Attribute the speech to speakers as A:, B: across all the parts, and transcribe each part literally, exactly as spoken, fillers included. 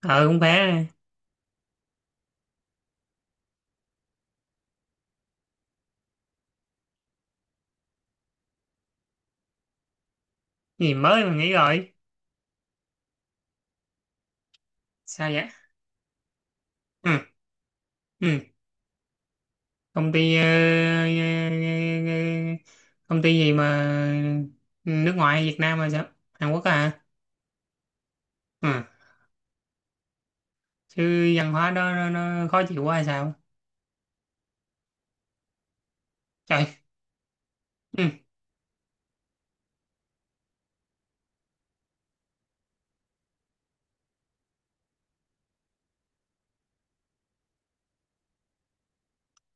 A: ờ Cũng bé này. Cái gì mới mà nghỉ rồi? Sao vậy? Ừ. Ừ. Công ty ờ, ờ, ờ, ờ, công ty gì mà nước ngoài hay Việt Nam hay sao? Hàn Quốc á hả? Ừ. Chứ văn hóa đó nó, nó khó chịu quá hay sao? Trời. Ừ.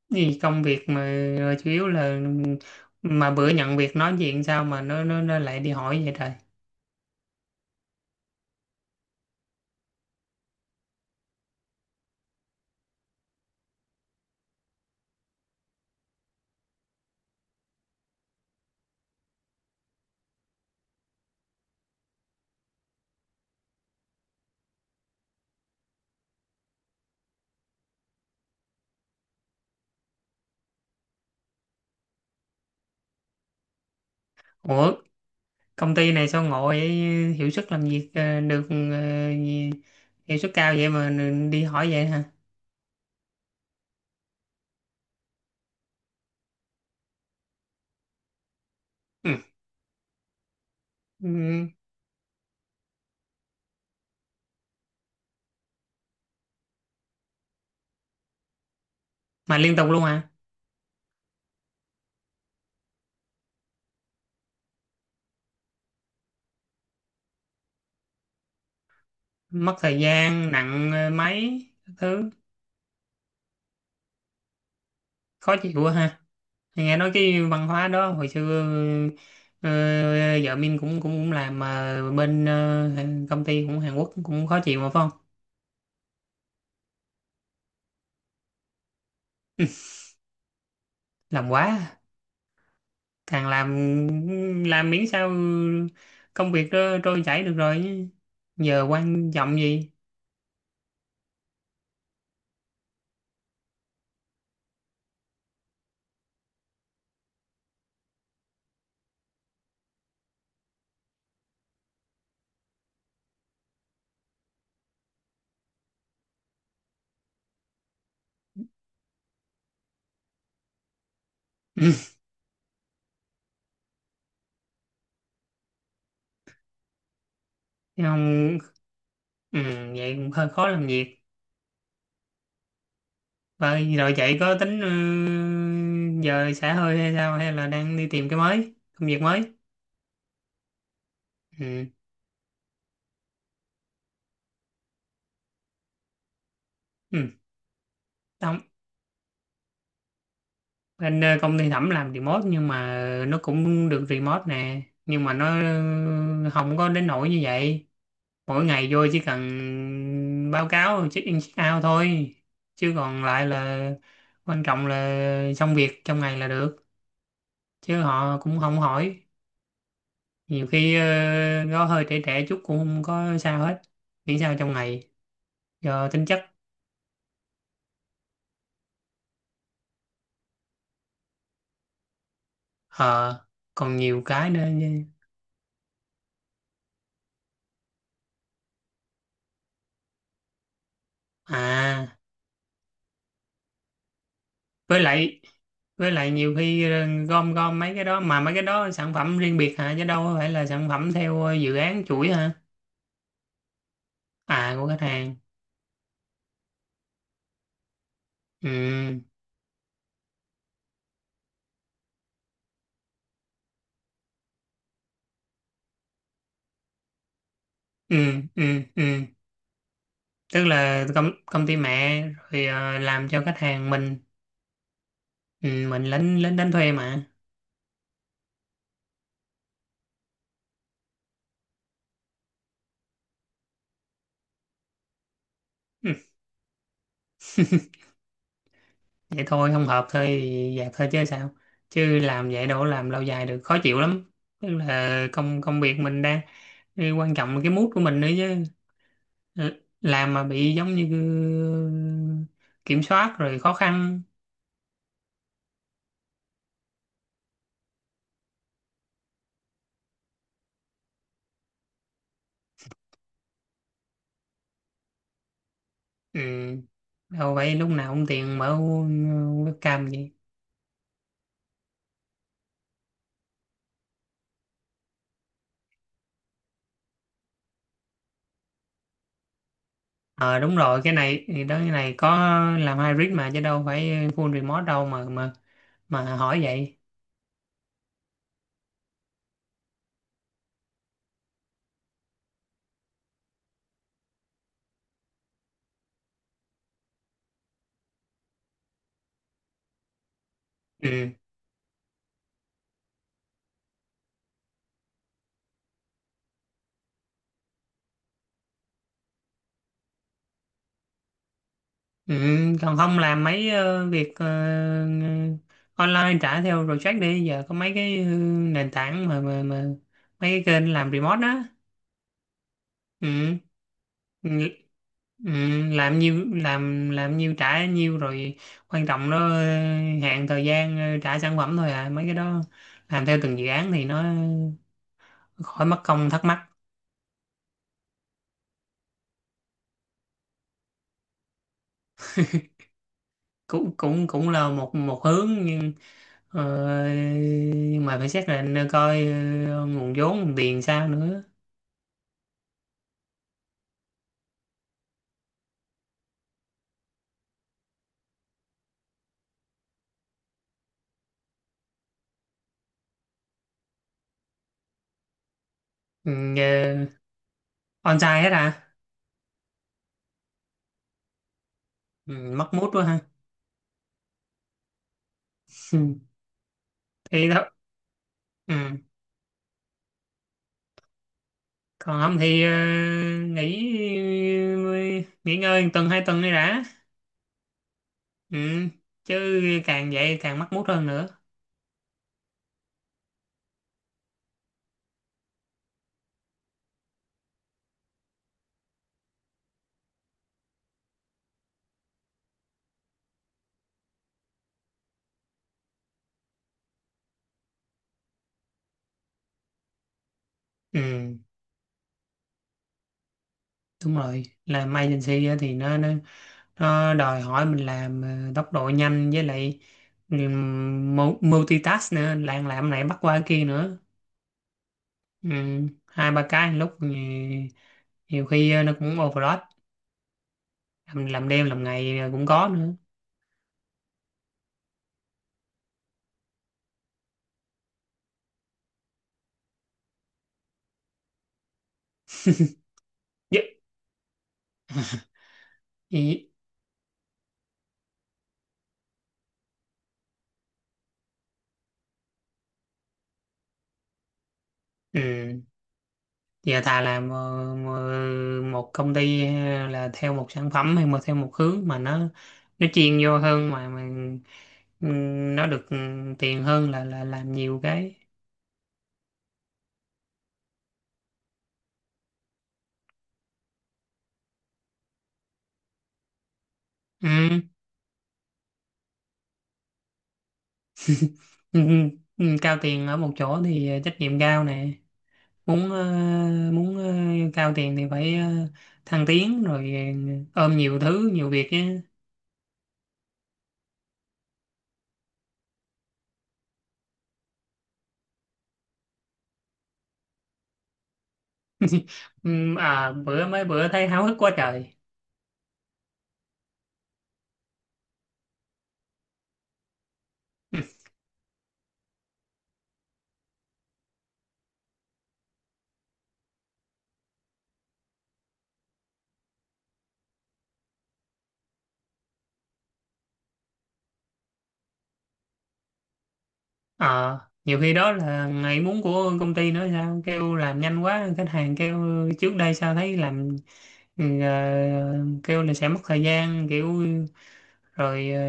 A: Gì công việc mà rồi chủ yếu là mà bữa nhận việc nói chuyện sao mà nó nó, nó lại đi hỏi vậy trời? Ủa, công ty này sao ngộ vậy? Hiệu suất làm việc ờ, được ờ, gì- hiệu suất cao vậy mà đi hỏi vậy hả? Ừ. Ừ. Mà liên tục luôn hả? Mất thời gian nặng ờ, mấy các thứ. Khó chịu quá ha. Nghe nói cái văn hóa đó hồi xưa, ờ, vợ mình cũng cũng cũng làm mà bên ờ, công ty cũng Hàn Quốc cũng khó chịu mà phải không? Làm quá à. Càng làm làm miễn sao công việc nó trôi chảy được rồi chứ. Giờ quan trọng gì. Chứ không ừ, vậy cũng hơi khó làm việc. Vậy rồi vậy có tính ừ, giờ xả hơi hay sao hay là đang đi tìm cái mới, công việc mới? Ừ. Ừ. Không, bên ờ, công ty Thẩm làm remote nhưng mà nó cũng được remote nè, nhưng mà nó ừ, không có đến nỗi như vậy. Mỗi ngày vô chỉ cần báo cáo check in check out thôi, chứ còn lại là quan trọng là xong việc trong ngày là được, chứ họ cũng không hỏi. Nhiều khi ờ, nó hơi trễ trễ chút cũng không có sao hết, miễn sao trong ngày do tính chất. Ờ còn nhiều cái nữa như- à, với lại với lại nhiều khi ờ, gom gom mấy cái đó mà mấy cái đó sản phẩm riêng biệt hả, chứ đâu có phải là sản phẩm theo ờ, dự án chuỗi hả? À, của khách hàng. Ừ ừ ừ ừ Tức là công, công ty mẹ rồi ờ, làm cho khách hàng mình. Ừ, mình lính lính đánh thuê mà. Vậy thôi không hợp thôi thì dạt thôi chứ sao, chứ làm vậy đâu có làm lâu dài được, khó chịu lắm. Tức là công công việc mình đang, cái quan trọng là cái mood của mình nữa chứ. L- làm mà bị giống như kiểm soát rồi khó khăn. Ừ. Đâu phải lúc nào cũng tiền mở webcam gì. Ờ đúng rồi, cái này thì đó, cái này có làm hybrid mà chứ đâu phải full remote đâu mà mà mà hỏi vậy. Ừ. Ừ, còn không làm mấy ờ, việc ờ, online trả theo project đi, giờ có mấy cái ờ, nền tảng mà mà mà mấy cái kênh làm remote đó. ừ, ừ, ừ, làm nhiêu làm làm nhiêu trả nhiêu rồi, quan trọng nó ờ, hạn thời gian ờ, trả sản phẩm thôi à, mấy cái đó làm theo từng dự án thì nó khỏi mất công thắc mắc. Cũng cũng cũng là một một hướng nhưng Ờ, nhưng mà phải xác định coi ờ, nguồn vốn nguồn tiền sao nữa. ừ, uh, On hết à? Ừ, mất mút quá ha. Ừ, thì đó. Ừ. Còn không thì ờ, nghỉ ờ, nghỉ ngơi một tuần hai tuần đi đã. Ừ. Chứ càng vậy càng mất mút hơn nữa. Ừ. Đúng rồi, làm agency á thì nó, nó nó đòi hỏi mình làm ờ, tốc độ nhanh với lại ừ, mu- multitask nữa, làm làm này bắt qua kia nữa. Ừ, hai ba cái một lúc thì nhiều khi ờ, nó cũng overload. Làm, làm đêm làm ngày ờ, cũng có nữa. Dạ. Ý- ừ. Giờ thà làm ờ, mờ- một công ty ờ, là theo một sản phẩm hay mà theo một hướng mà nó nó chuyên vô hơn mà mà ừ, nó được ừ, tiền hơn là là làm nhiều cái. Ừ. Ừ. Ừ, ừ, cao tiền ở một chỗ thì ờ, trách nhiệm cao nè, muốn ờ, muốn ờ, cao tiền thì phải ờ, thăng tiến rồi ờ, ôm nhiều thứ nhiều việc chứ. Ừm, à bữa mấy bữa thấy háo hức quá trời. Ờ nhiều khi đó là ngày muốn của công ty nữa, sao kêu làm nhanh quá khách hàng kêu? Trước đây sao thấy làm ừ, ờ, kêu là sẽ mất thời gian, kiểu rồi ờ,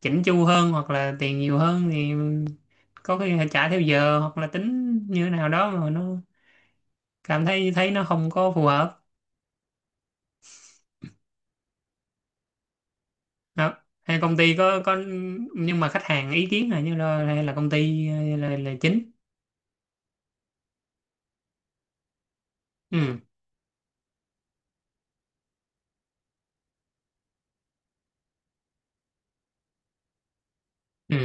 A: chỉnh chu hơn hoặc là tiền nhiều hơn thì có khi phải trả theo giờ hoặc là tính như thế nào đó mà nó cảm thấy thấy nó không có phù hợp. Đó. Hay công ty có có nhưng mà khách hàng ý kiến là như là hay là công ty là, là chính. Ừ ừ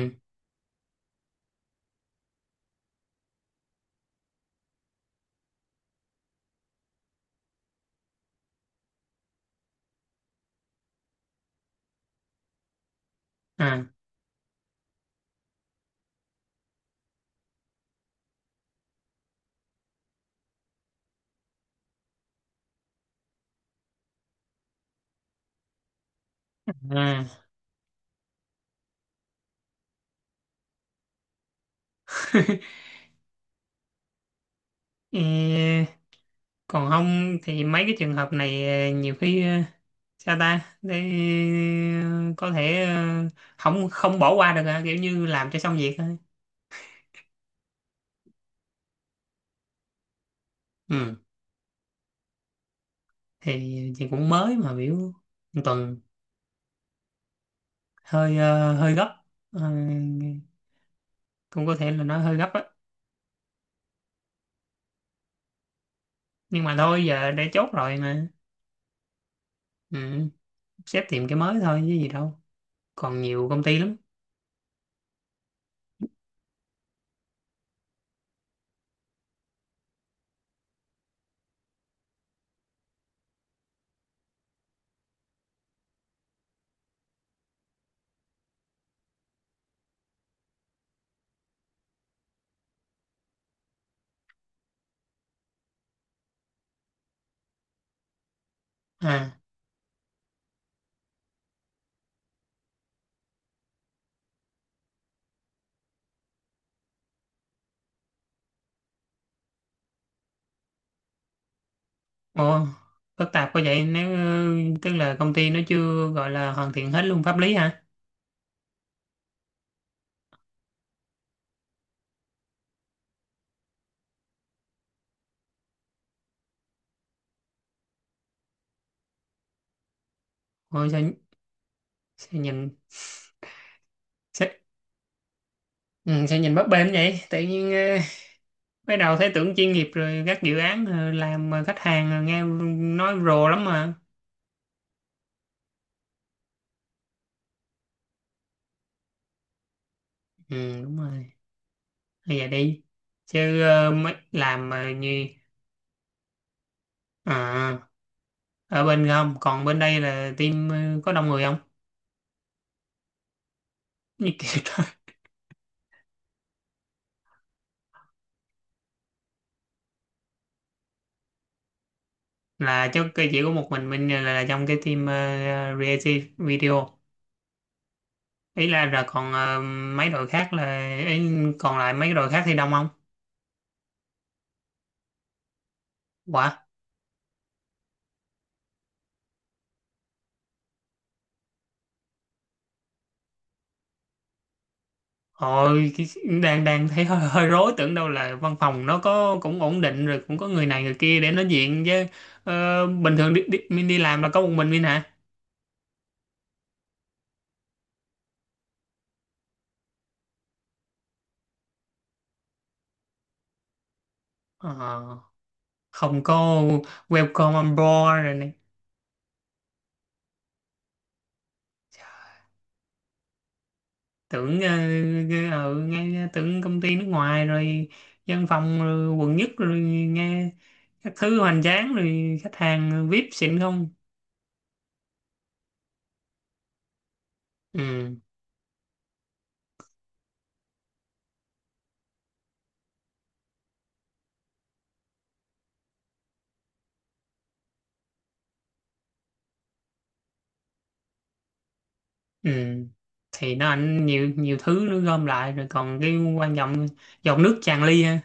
A: à, à. Ờ, còn không thì mấy cái trường hợp này ờ, nhiều khi ờ, sao ta để ờ, có thể ờ, không không bỏ qua được à, kiểu như làm cho xong việc thôi. Ừ, thì chị cũng mới mà biểu một tuần hơi ờ, hơi gấp. Ờ, cũng có thể là nó hơi gấp á nhưng mà thôi giờ đã chốt rồi mà. Ừ. Sếp tìm cái mới thôi chứ gì đâu, còn nhiều công ty lắm. À. Ồ, phức tạp quá vậy, nếu ừ, tức là công ty nó chưa gọi là hoàn thiện hết luôn pháp lý hả? Ôi sao, sao nhìn sao, ừ, sao nhìn bấp bênh vậy, tự nhiên ờ, mới đầu thấy tưởng chuyên nghiệp rồi các dự án ờ, làm mà khách hàng ờ, nghe nói rồ lắm mà. Ừ đúng rồi, bây giờ đi chứ ờ, mới làm mà như à, ở bên không còn bên đây là team ờ, có đông người không? Như kiểu đó. Là chứ cái chỉ có một mình mình là, là trong cái team uh, Creative Video, ý là là còn ờ, mấy đội khác là ý, còn lại mấy đội khác thì đông không? Quả. Ôi, cái, đang đang thấy hơi, hơi rối, tưởng đâu là văn phòng nó có cũng ổn định rồi cũng có người này người kia để nói chuyện chứ. Ờ, bình thường đi, đi, mình đi làm là có một mình mình hả? Ờ, không có welcome on board rồi này. Tưởng ờ, ờ, ờ, nghe tưởng công ty nước ngoài rồi văn phòng rồi quận nhất rồi, nghe các thứ hoành tráng rồi khách hàng vi ai pi xịn không? Ừ ừ, thì nó ảnh nhiều nhiều thứ nó gom lại rồi còn cái quan trọng. Giọt nước tràn ly ha.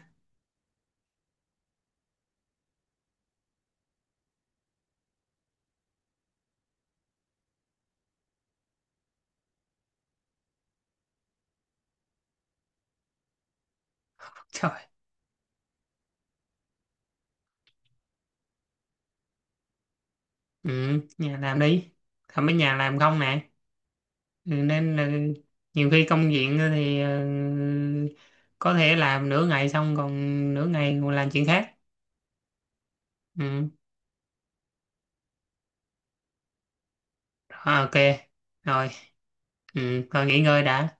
A: Trời. Ừ, nhà làm đi, không mấy nhà làm không nè. Ừ, nên là nhiều khi công việc thì ờ, có thể làm nửa ngày xong còn nửa ngày còn làm chuyện khác. Ừ. Ờ, ok. Rồi ừ, thôi nghỉ ngơi đã.